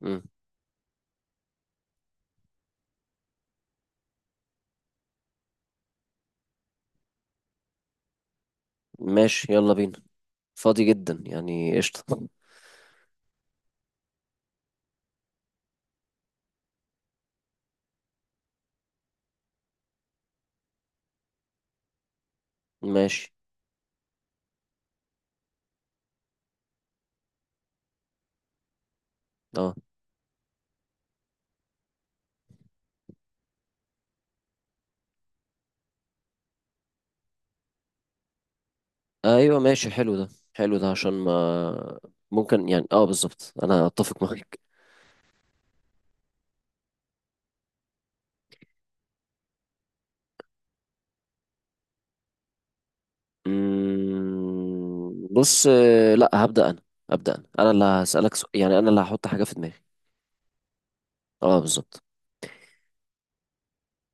مم. ماشي، يلا بينا. فاضي جدا، يعني قشطة. ماشي. اه. ايوه ماشي، حلو ده حلو ده عشان ما ممكن. يعني بالظبط، انا اتفق معاك. بص، لا، هبدأ انا. هبدأ انا اللي هسألك سؤال، يعني انا اللي هحط حاجة في دماغي. اه، بالظبط.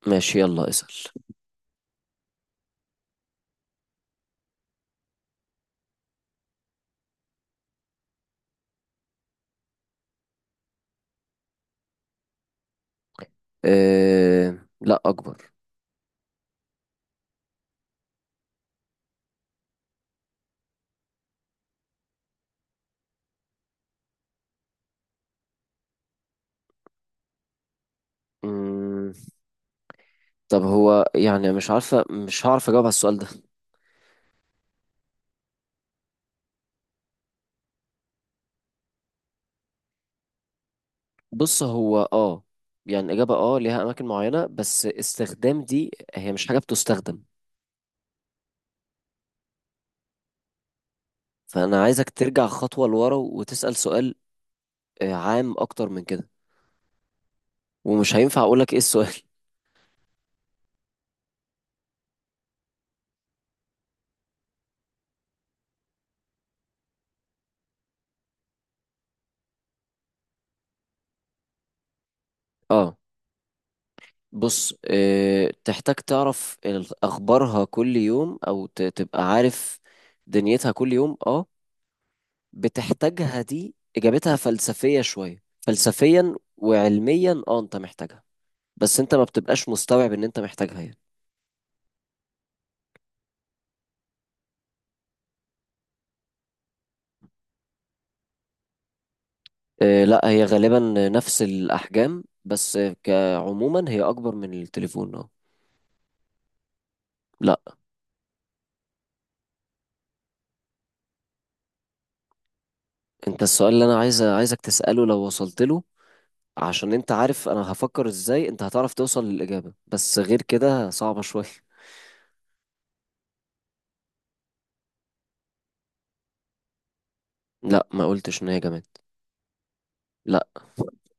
ماشي، يلا اسأل. لا، اكبر. مم، طب هو يعني، مش هعرف اجاوب على السؤال ده. بص، هو يعني الإجابة، ليها أماكن معينة، بس استخدام دي هي مش حاجة بتستخدم. فأنا عايزك ترجع خطوة لورا وتسأل سؤال. عام أكتر من كده. ومش هينفع أقولك إيه السؤال. اه. بص، تحتاج تعرف أخبارها كل يوم، أو تبقى عارف دنيتها كل يوم، اه. بتحتاجها، دي إجابتها فلسفية شوية. فلسفيا وعلميا اه، أنت محتاجها، بس أنت ما بتبقاش مستوعب إن أنت محتاجها يعني. لا، هي غالبا نفس الأحجام، بس كعموما هي أكبر من التليفون، اه. لا. أنت السؤال اللي أنا عايزك تسأله لو وصلت له، عشان أنت عارف أنا هفكر إزاي أنت هتعرف توصل للإجابة، بس غير كده صعبة شوية. لا، ما قلتش إن هي جماد. لا.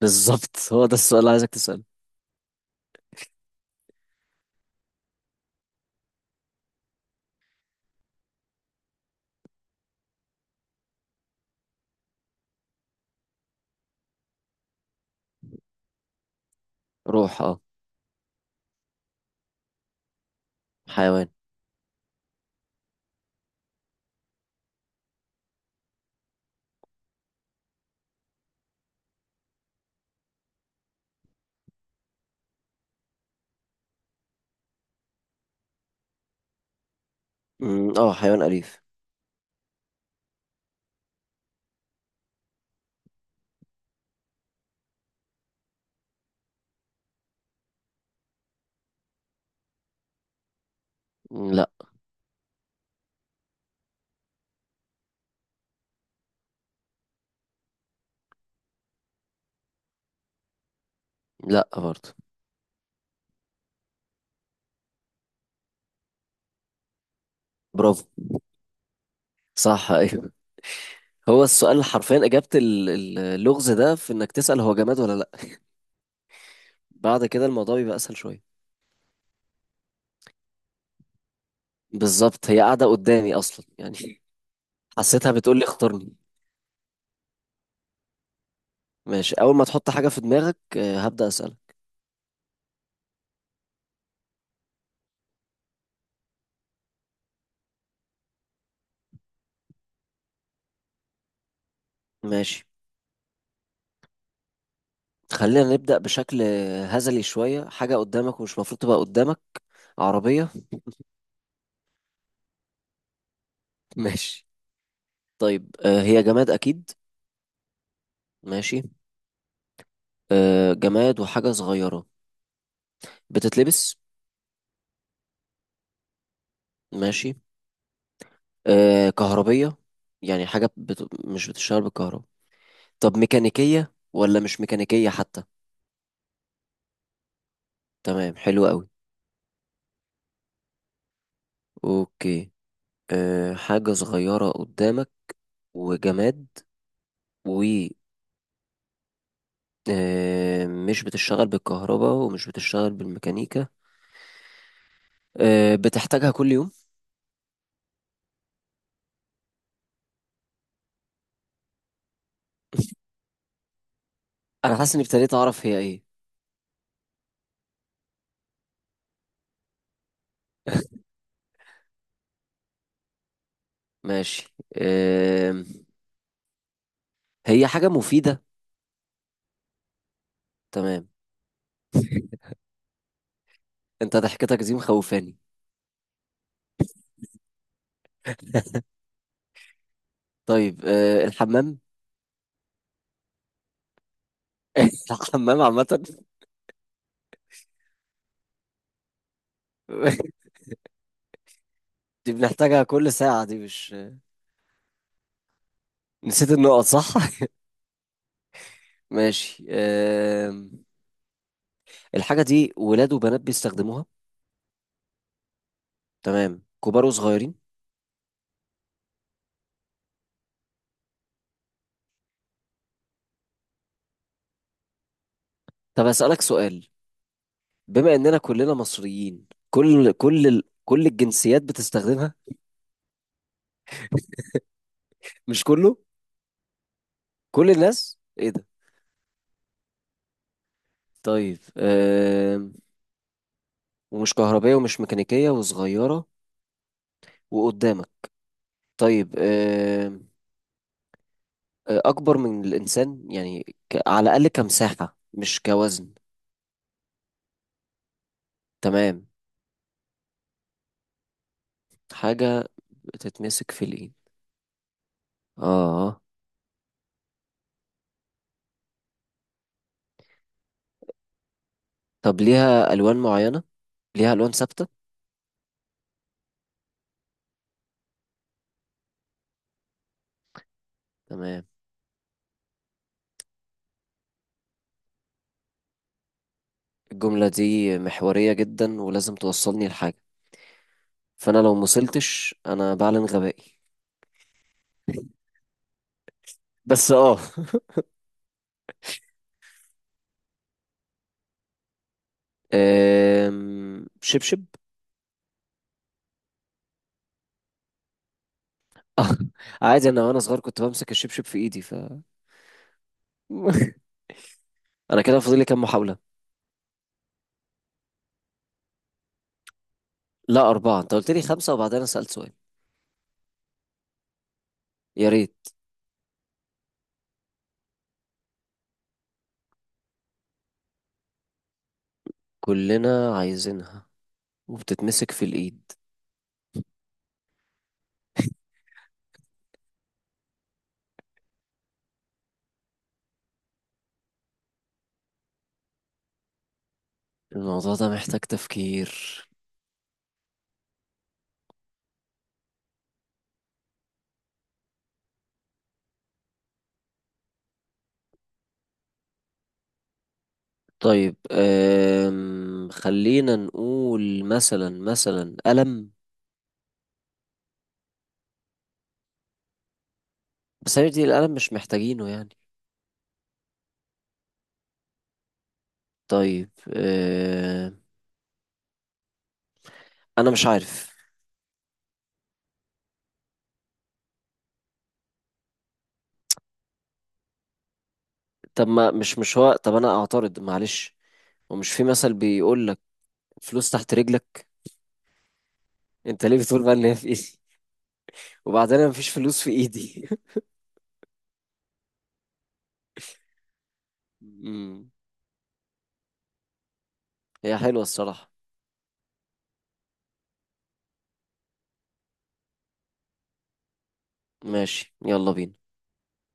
بالظبط، هو ده السؤال اللي عايزك تسأله. روح، اه. حيوان. اه، حيوان أليف. لا. لا برضه. برافو. صح، أيوه. هو السؤال حرفيا، إجابة اللغز ده في إنك تسأل هو جماد ولا لا. بعد كده الموضوع بيبقى اسهل شويه. بالظبط، هي قاعده قدامي اصلا يعني. حسيتها بتقول لي اختارني. ماشي، اول ما تحط حاجه في دماغك هبدا اسالك. ماشي، خلينا نبدا بشكل هزلي شويه. حاجه قدامك ومش المفروض تبقى قدامك. عربيه؟ ماشي. طيب، هي جماد اكيد؟ ماشي. جماد وحاجه صغيره. بتتلبس؟ ماشي. كهربيه؟ يعني حاجه مش بتشتغل بالكهرباء. طب ميكانيكيه ولا مش ميكانيكيه حتى؟ تمام، حلو قوي. اوكي. حاجة صغيرة قدامك، وجماد، و مش بتشتغل بالكهرباء ومش بتشتغل بالميكانيكا. بتحتاجها كل يوم؟ أنا حاسس إني ابتديت أعرف هي إيه. ماشي، هي حاجة مفيدة؟ تمام. أنت ضحكتك دي مخوفاني. طيب، الحمام؟ الحمام عامة. دي بنحتاجها كل ساعة، دي مش... نسيت النقط صح؟ ماشي. الحاجة دي ولاد وبنات بيستخدموها. تمام، كبار وصغيرين. طب أسألك سؤال. بما إننا كلنا مصريين، كل الجنسيات بتستخدمها؟ مش كله. كل الناس، إيه ده. طيب، ومش كهربائية ومش ميكانيكية وصغيرة، وقدامك. طيب، أكبر من الإنسان يعني، على الأقل كمساحة مش كوزن. تمام. حاجة بتتمسك في الإيد، آه. طب ليها ألوان معينة؟ ليها ألوان ثابتة؟ تمام. الجملة دي محورية جدا، ولازم توصلني لحاجة. فانا لو مصلتش انا بعلن غبائي. بس، اه. شبشب. عادي، انا وانا صغير كنت بمسك الشبشب في ايدي انا كده فاضل لي كام محاولة؟ لا، اربعة. انت قلت لي خمسة، وبعدين انا سألت سؤال. يا ريت. كلنا عايزينها، وبتتمسك في الايد. الموضوع ده محتاج تفكير. طيب، خلينا نقول مثلا، قلم. بس هي دي، القلم مش محتاجينه يعني. طيب، انا مش عارف. طب ما مش مش هو طب، انا اعترض معلش. ومش في مثل بيقول لك فلوس تحت رجلك. انت ليه بتقول بقى ان هي في ايدي؟ وبعدين انا مفيش فلوس في ايدي. أمم، هي حلوة الصراحة. ماشي، يلا بينا.